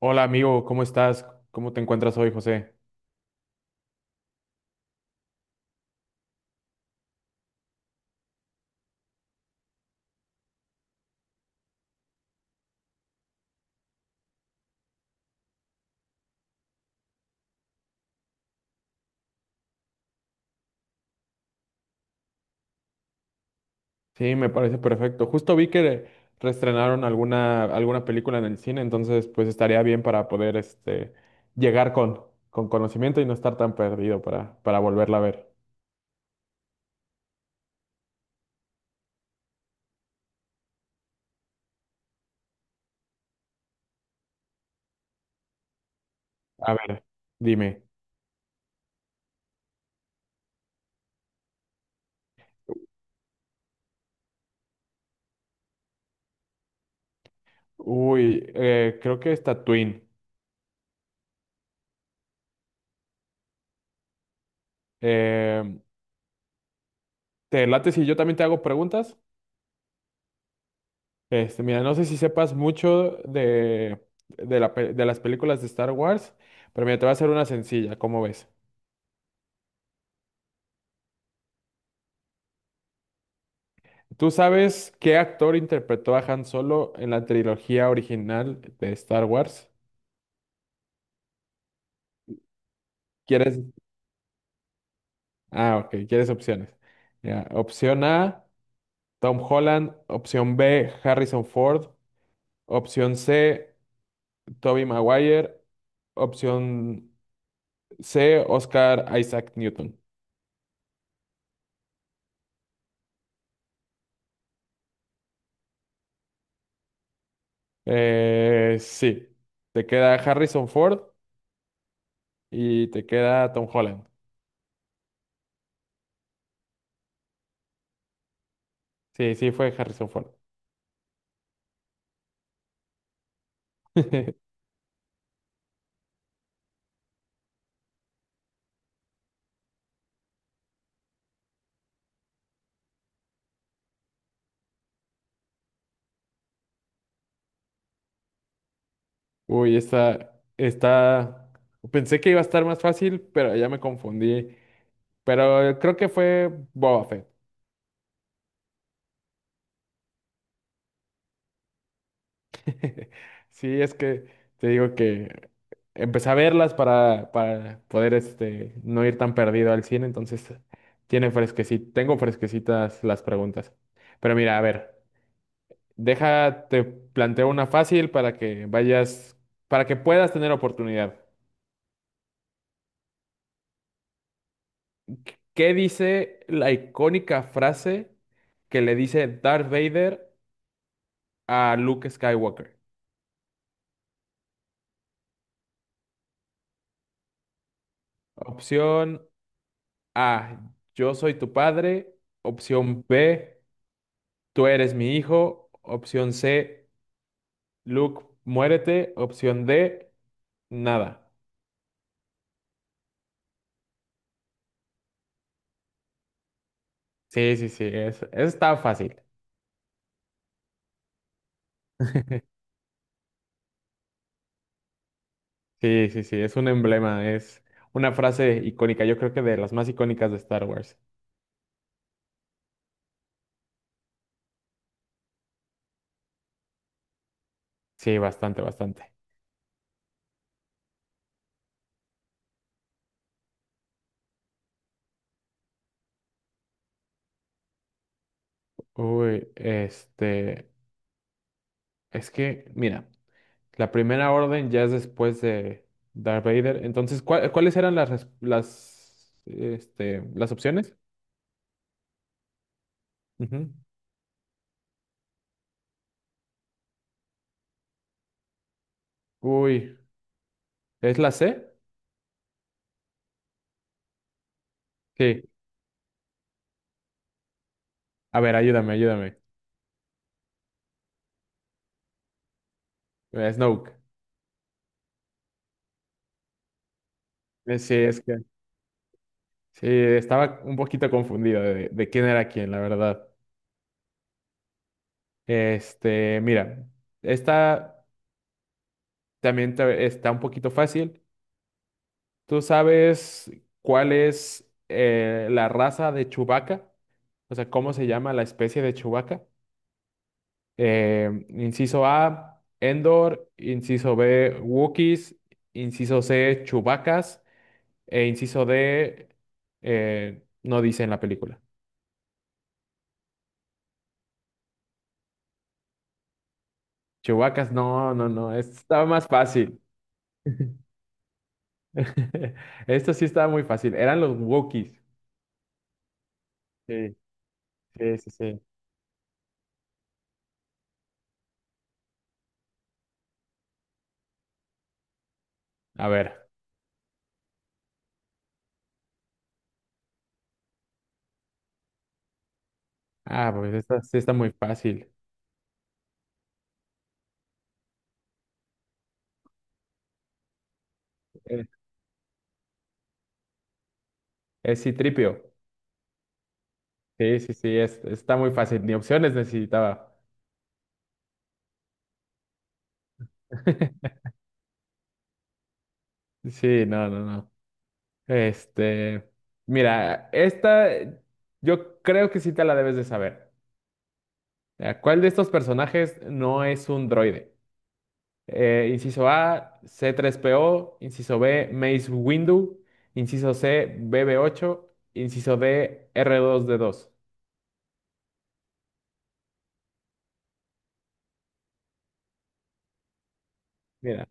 Hola amigo, ¿cómo estás? ¿Cómo te encuentras hoy, José? Sí, me parece perfecto. Justo vi que reestrenaron alguna película en el cine, entonces pues estaría bien para poder llegar con conocimiento y no estar tan perdido para volverla a ver. A ver, dime. Uy, creo que está Twin. Eh, ¿Te late si yo también te hago preguntas? Mira, no sé si sepas mucho de la de las películas de Star Wars, pero mira, te voy a hacer una sencilla, ¿cómo ves? ¿Tú sabes qué actor interpretó a Han Solo en la trilogía original de Star Wars? ¿Quieres? Ah, ok, ¿quieres opciones? Ya, opción A, Tom Holland. Opción B, Harrison Ford. Opción C, Tobey Maguire. Opción C, Oscar Isaac Newton. Sí, te queda Harrison Ford y te queda Tom Holland. Sí, sí, fue Harrison Ford. Uy, esta, pensé que iba a estar más fácil, pero ya me confundí. Pero creo que fue Boba Fett. Sí, es que te digo que empecé a verlas para poder no ir tan perdido al cine, entonces tiene fresquecita, tengo fresquecitas las preguntas. Pero mira, a ver, deja, te planteo una fácil para que vayas, para que puedas tener oportunidad. ¿Qué dice la icónica frase que le dice Darth Vader a Luke Skywalker? Opción A, yo soy tu padre. Opción B, tú eres mi hijo. Opción C, Luke, muérete. Opción D, nada. Sí, sí, sí, está fácil. Sí, sí, sí, es un emblema, es una frase icónica, yo creo que de las más icónicas de Star Wars. Sí, bastante, bastante. Uy, este... Es que, mira, la primera orden ya es después de Darth Vader. Entonces, ¿cuáles eran las, las opciones? Ujú. Uy, ¿es la C? Sí. A ver, ayúdame, ayúdame. Snoke. Sí, es que sí, estaba un poquito confundido de quién era quién, la verdad. Mira, esta está un poquito fácil. ¿Tú sabes cuál es la raza de Chewbacca? O sea, ¿cómo se llama la especie de Chewbacca? Inciso A, Endor. Inciso B, Wookiees. Inciso C, Chewbaccas. E inciso D, no dice en la película. Chewbaccas, no, no, no. Esto estaba más fácil. Esto sí estaba muy fácil. Eran los Wookiees. Sí, sí, sí, sí. A ver. Ah, pues esta sí está muy fácil. Eh, Es Citripio. Sí, sí, sí, está muy fácil. Ni opciones necesitaba. Sí, no, no, no. Este, mira, esta yo creo que sí te la debes de saber. ¿Cuál de estos personajes no es un droide? Inciso A, c tres P O. Inciso B, Mace Windu, inciso C, B B ocho. Inciso D, r dos d dos. Mira,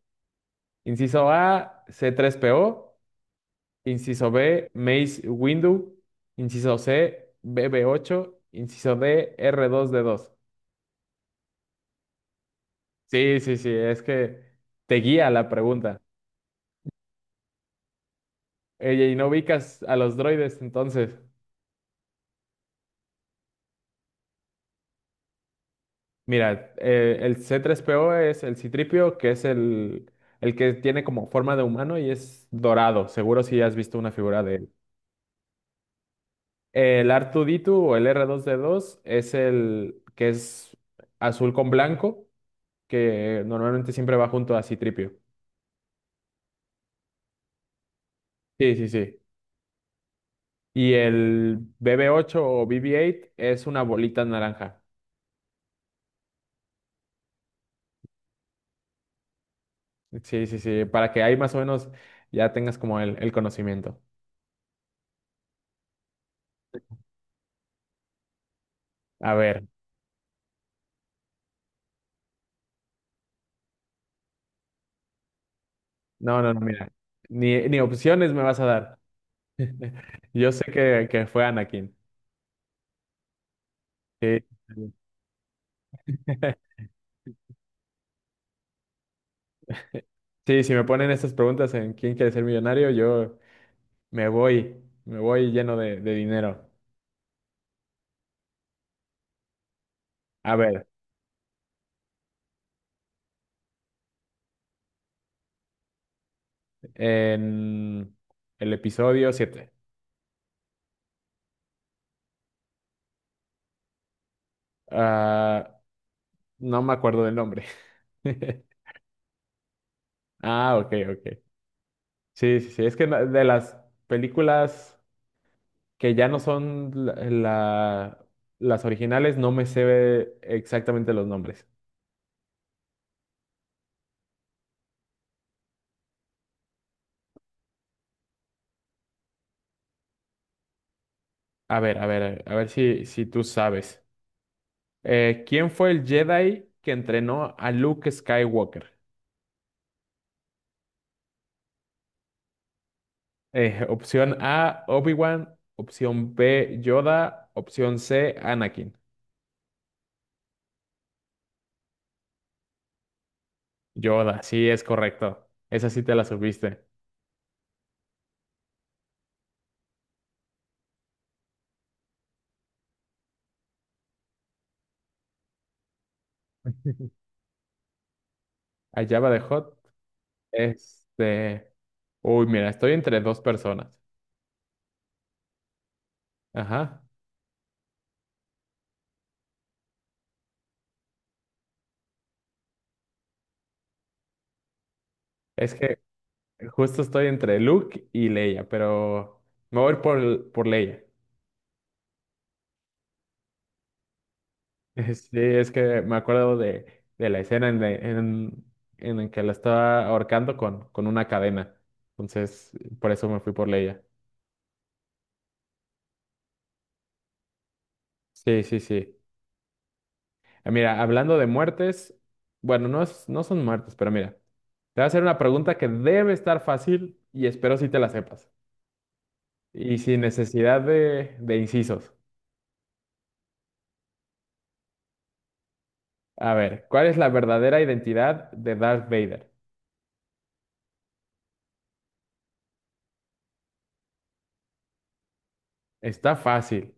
inciso A, c tres P O. Inciso B, Mace Windu, inciso C, B B ocho. Inciso D, r dos d dos. Sí, sí, sí, es que te guía la pregunta. Oye, y no ubicas a los droides, entonces. Mira, el C3PO es el Citripio, que es el que tiene como forma de humano y es dorado. Seguro si has visto una figura de él. El r 2 o el r dos d dos es el que es azul con blanco, que normalmente siempre va junto a Citripio. Sí, sí, sí. Y el bb ocho o BB8 es una bolita naranja. Sí, sí, sí, para que ahí más o menos ya tengas como el conocimiento. A ver, no, no, no, mira, ni opciones me vas a dar. Yo sé que fue Anakin. Sí, sí, si me ponen estas preguntas en quién quiere ser millonario, me voy, me voy lleno de dinero. A ver, en el episodio siete. Ah, no me acuerdo del nombre. Ah, ok, ok. Sí, sí, sí, es que de las películas... que ya no son las originales, no me sé exactamente los nombres. A ver, a ver, a ver si tú sabes. ¿Quién fue el Jedi que entrenó a Luke Skywalker? Opción A, Obi-Wan. Opción B, Yoda. Opción C, Anakin. Yoda, sí, es correcto. Esa sí te la subiste. A Jabba the Hutt. Este. Uy, mira, estoy entre dos personas. Ajá. Es que justo estoy entre Luke y Leia, pero me voy por Leia. Sí, es que me acuerdo de la escena en la que la estaba ahorcando con una cadena. Entonces, por eso me fui por Leia. Sí, sí, sí. Ah, mira, hablando de muertes, bueno, no, no son muertes, pero mira, te voy a hacer una pregunta que debe estar fácil y espero si te la sepas. Y sin necesidad de incisos. A ver, ¿cuál es la verdadera identidad de Darth Vader? Está fácil.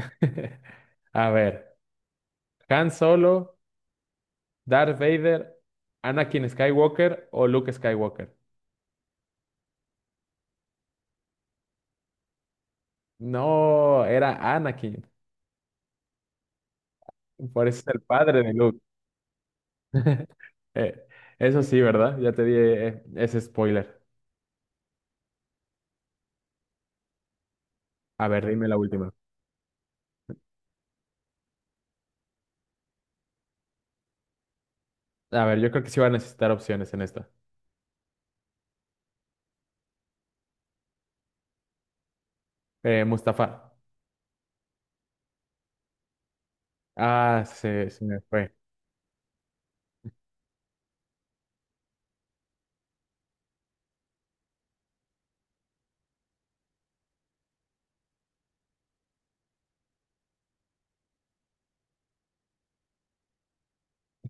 A ver, Han Solo, Darth Vader, Anakin Skywalker o Luke Skywalker. No, era Anakin. Por eso es el padre de Luke. Eh, eso sí, ¿verdad? Ya te di ese spoiler. A ver, dime la última. A ver, yo creo que sí va a necesitar opciones en esta. Mustafa. Ah, se me fue.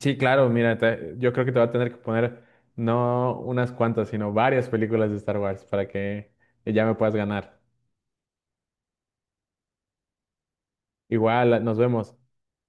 Sí, claro, mira, yo creo que te va a tener que poner no unas cuantas, sino varias películas de Star Wars para que ya me puedas ganar. Igual, nos vemos.